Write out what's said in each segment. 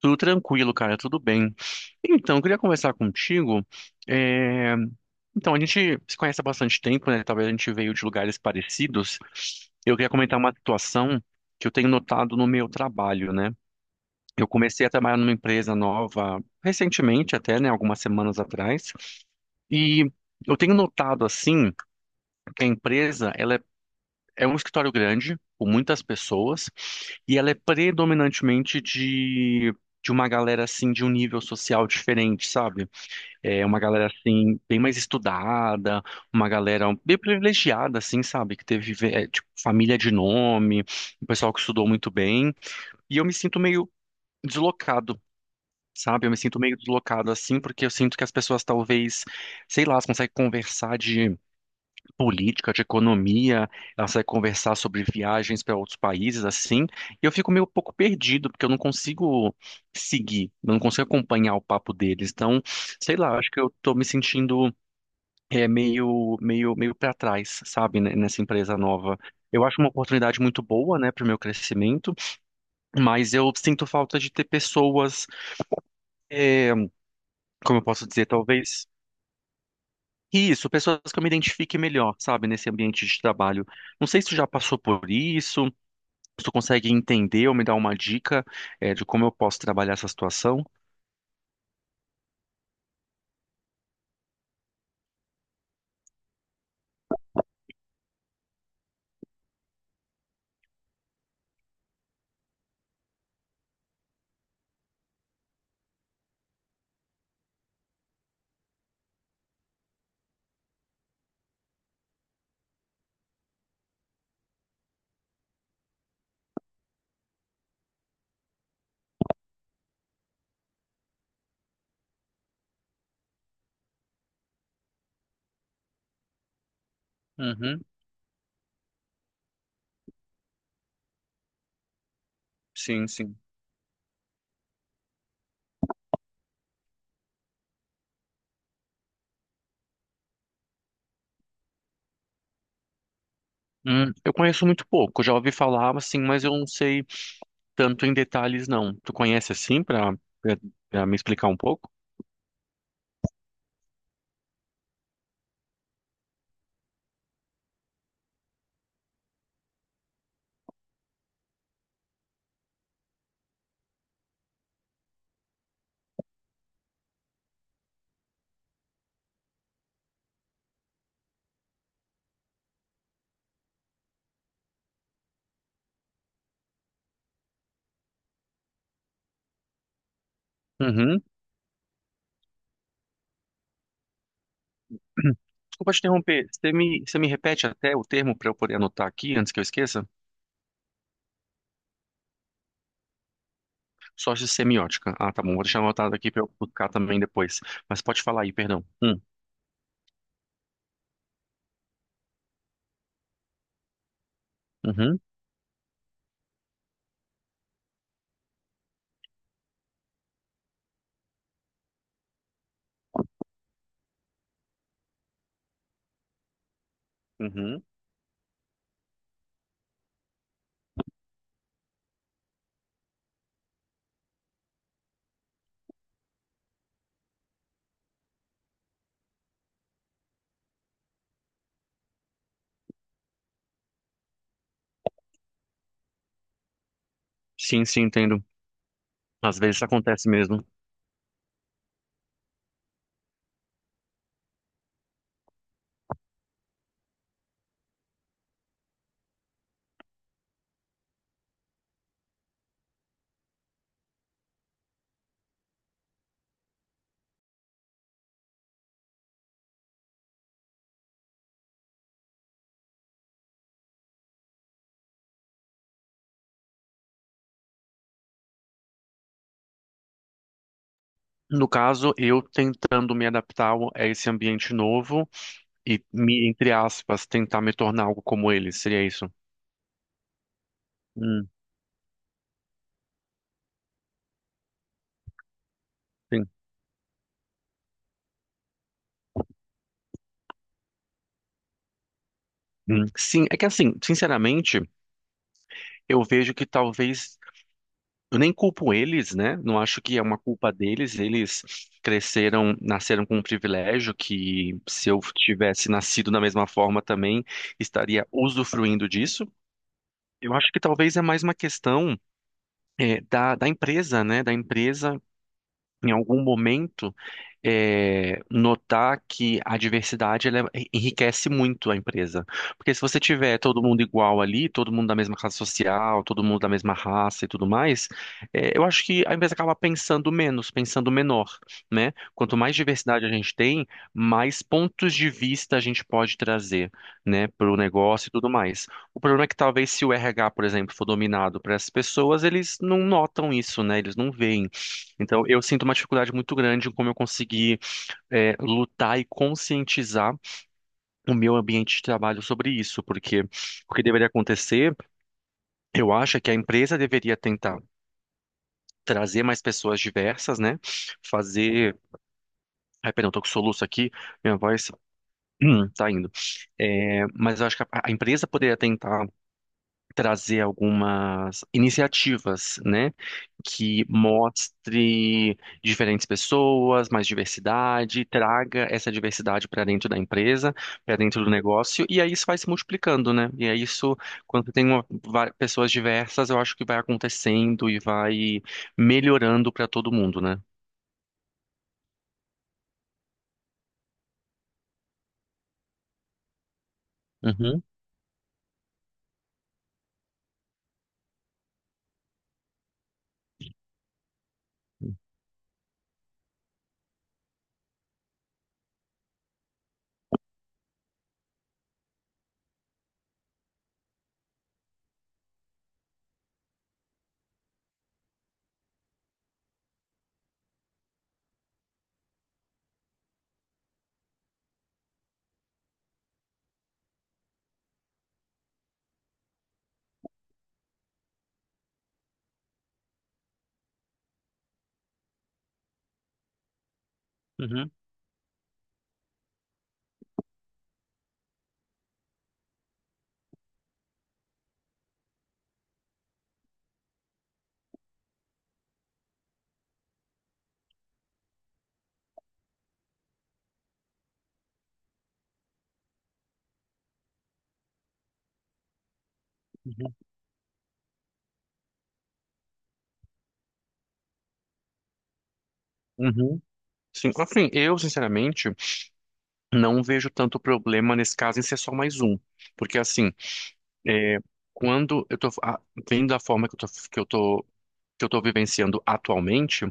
Tudo tranquilo, cara, tudo bem. Então, eu queria conversar contigo. é, Então, a gente se conhece há bastante tempo, né? Talvez a gente veio de lugares parecidos. Eu queria comentar uma situação que eu tenho notado no meu trabalho, né? Eu comecei a trabalhar numa empresa nova recentemente, até, né? Algumas semanas atrás. E eu tenho notado, assim, que a empresa, ela é um escritório grande, com muitas pessoas. E ela é predominantemente de uma galera, assim, de um nível social diferente, sabe? É uma galera, assim, bem mais estudada, uma galera bem privilegiada, assim, sabe? Que teve, tipo, família de nome, um pessoal que estudou muito bem. E eu me sinto meio deslocado. Sabe, eu me sinto meio deslocado assim, porque eu sinto que as pessoas talvez, sei lá, elas conseguem conversar de política, de economia, ela vai conversar sobre viagens para outros países, assim, e eu fico meio pouco perdido, porque eu não consigo seguir, eu não consigo acompanhar o papo deles. Então, sei lá, acho que eu tô me sentindo meio para trás, sabe, né, nessa empresa nova. Eu acho uma oportunidade muito boa, né, para o meu crescimento, mas eu sinto falta de ter pessoas, é, como eu posso dizer, talvez. Isso, pessoas que eu me identifique melhor, sabe, nesse ambiente de trabalho. Não sei se tu já passou por isso, tu consegue entender ou me dar uma dica, de como eu posso trabalhar essa situação? Uhum, sim, sim. Eu conheço muito pouco, já ouvi falar assim, mas eu não sei tanto em detalhes não. Tu conhece assim para me explicar um pouco? Uhum. Desculpa te interromper. Você me repete até o termo para eu poder anotar aqui antes que eu esqueça? Sócio semiótica. Ah, tá bom. Vou deixar anotado aqui para eu buscar também depois. Mas pode falar aí, perdão. Uhum, uhum. Sim, sim, entendo. Às vezes acontece mesmo. No caso, eu tentando me adaptar a esse ambiente novo e me, entre aspas, tentar me tornar algo como ele, seria isso? Hum, sim. Sim, é que assim, sinceramente, eu vejo que talvez eu nem culpo eles, né? Não acho que é uma culpa deles. Eles cresceram, nasceram com um privilégio que se eu tivesse nascido da mesma forma também estaria usufruindo disso. Eu acho que talvez é mais uma questão da empresa, né? Da empresa em algum momento notar que a diversidade enriquece muito a empresa. Porque se você tiver todo mundo igual ali, todo mundo da mesma classe social, todo mundo da mesma raça e tudo mais, eu acho que a empresa acaba pensando menos, pensando menor, né? Quanto mais diversidade a gente tem, mais pontos de vista a gente pode trazer, né, para o negócio e tudo mais. O problema é que talvez se o RH, por exemplo, for dominado por essas pessoas, eles não notam isso, né? Eles não veem. Então, eu sinto uma dificuldade muito grande em como eu conseguir lutar e conscientizar o meu ambiente de trabalho sobre isso, porque o que deveria acontecer, eu acho, é que a empresa deveria tentar trazer mais pessoas diversas, né? Fazer. Ai, perdão, tô com soluço aqui, minha voz. Tá indo. É, mas eu acho que a empresa poderia tentar trazer algumas iniciativas, né, que mostre diferentes pessoas, mais diversidade, traga essa diversidade para dentro da empresa, para dentro do negócio, e aí isso vai se multiplicando, né? E é isso, quando você tem pessoas diversas, eu acho que vai acontecendo e vai melhorando para todo mundo, né? Uhum, uhum, uhum. Sim, assim, eu, sinceramente, não vejo tanto problema nesse caso em ser só mais um. Porque, assim, É, quando vendo a forma que eu tô vivenciando atualmente,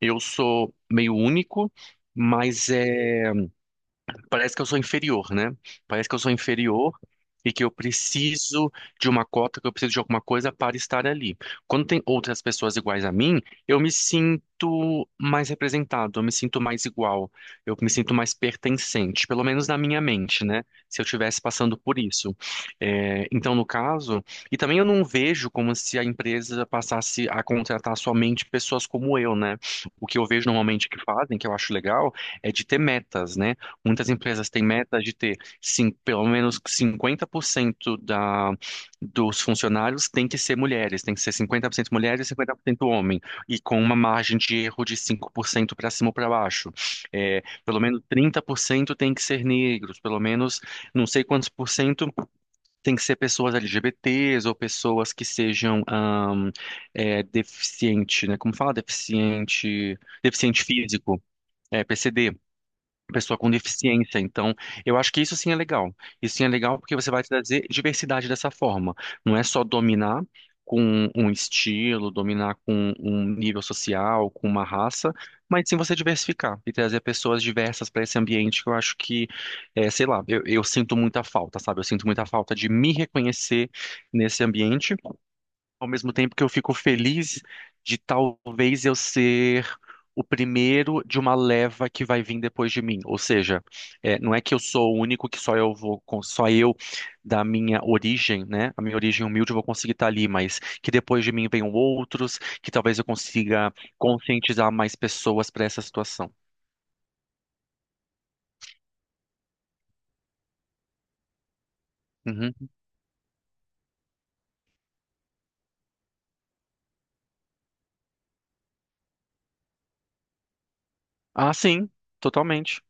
eu sou meio único, mas é parece que eu sou inferior, né? Parece que eu sou inferior e que eu preciso de uma cota, que eu preciso de alguma coisa para estar ali. Quando tem outras pessoas iguais a mim, eu me sinto mais representado, eu me sinto mais igual, eu me sinto mais pertencente, pelo menos na minha mente, né? Se eu estivesse passando por isso. É, então, no caso, e também eu não vejo como se a empresa passasse a contratar somente pessoas como eu, né? O que eu vejo normalmente que fazem, que eu acho legal, é de ter metas, né? Muitas empresas têm metas de ter sim, pelo menos 50% dos funcionários tem que ser mulheres, tem que ser 50% mulheres e 50% homem, e com uma margem de erro de 5% para cima ou para baixo. É, pelo menos 30% tem que ser negros, pelo menos não sei quantos por cento tem que ser pessoas LGBTs ou pessoas que sejam deficiente, né? Como fala? Deficiente físico, é, PCD pessoa com deficiência. Então, eu acho que isso sim é legal. Isso sim é legal porque você vai trazer diversidade dessa forma. Não é só dominar com um estilo, dominar com um nível social, com uma raça, mas sim você diversificar e trazer pessoas diversas para esse ambiente que eu acho que, sei lá, eu sinto muita falta, sabe? Eu sinto muita falta de me reconhecer nesse ambiente ao mesmo tempo que eu fico feliz de talvez eu ser o primeiro de uma leva que vai vir depois de mim. Ou seja, não é que eu sou o único que só eu vou, só eu da minha origem, né? A minha origem humilde eu vou conseguir estar ali, mas que depois de mim venham outros, que talvez eu consiga conscientizar mais pessoas para essa situação. Uhum. Ah, sim, totalmente.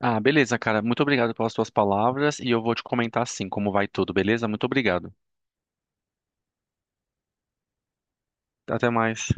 Ah, beleza, cara. Muito obrigado pelas suas palavras e eu vou te comentar sim como vai tudo, beleza? Muito obrigado. Até mais.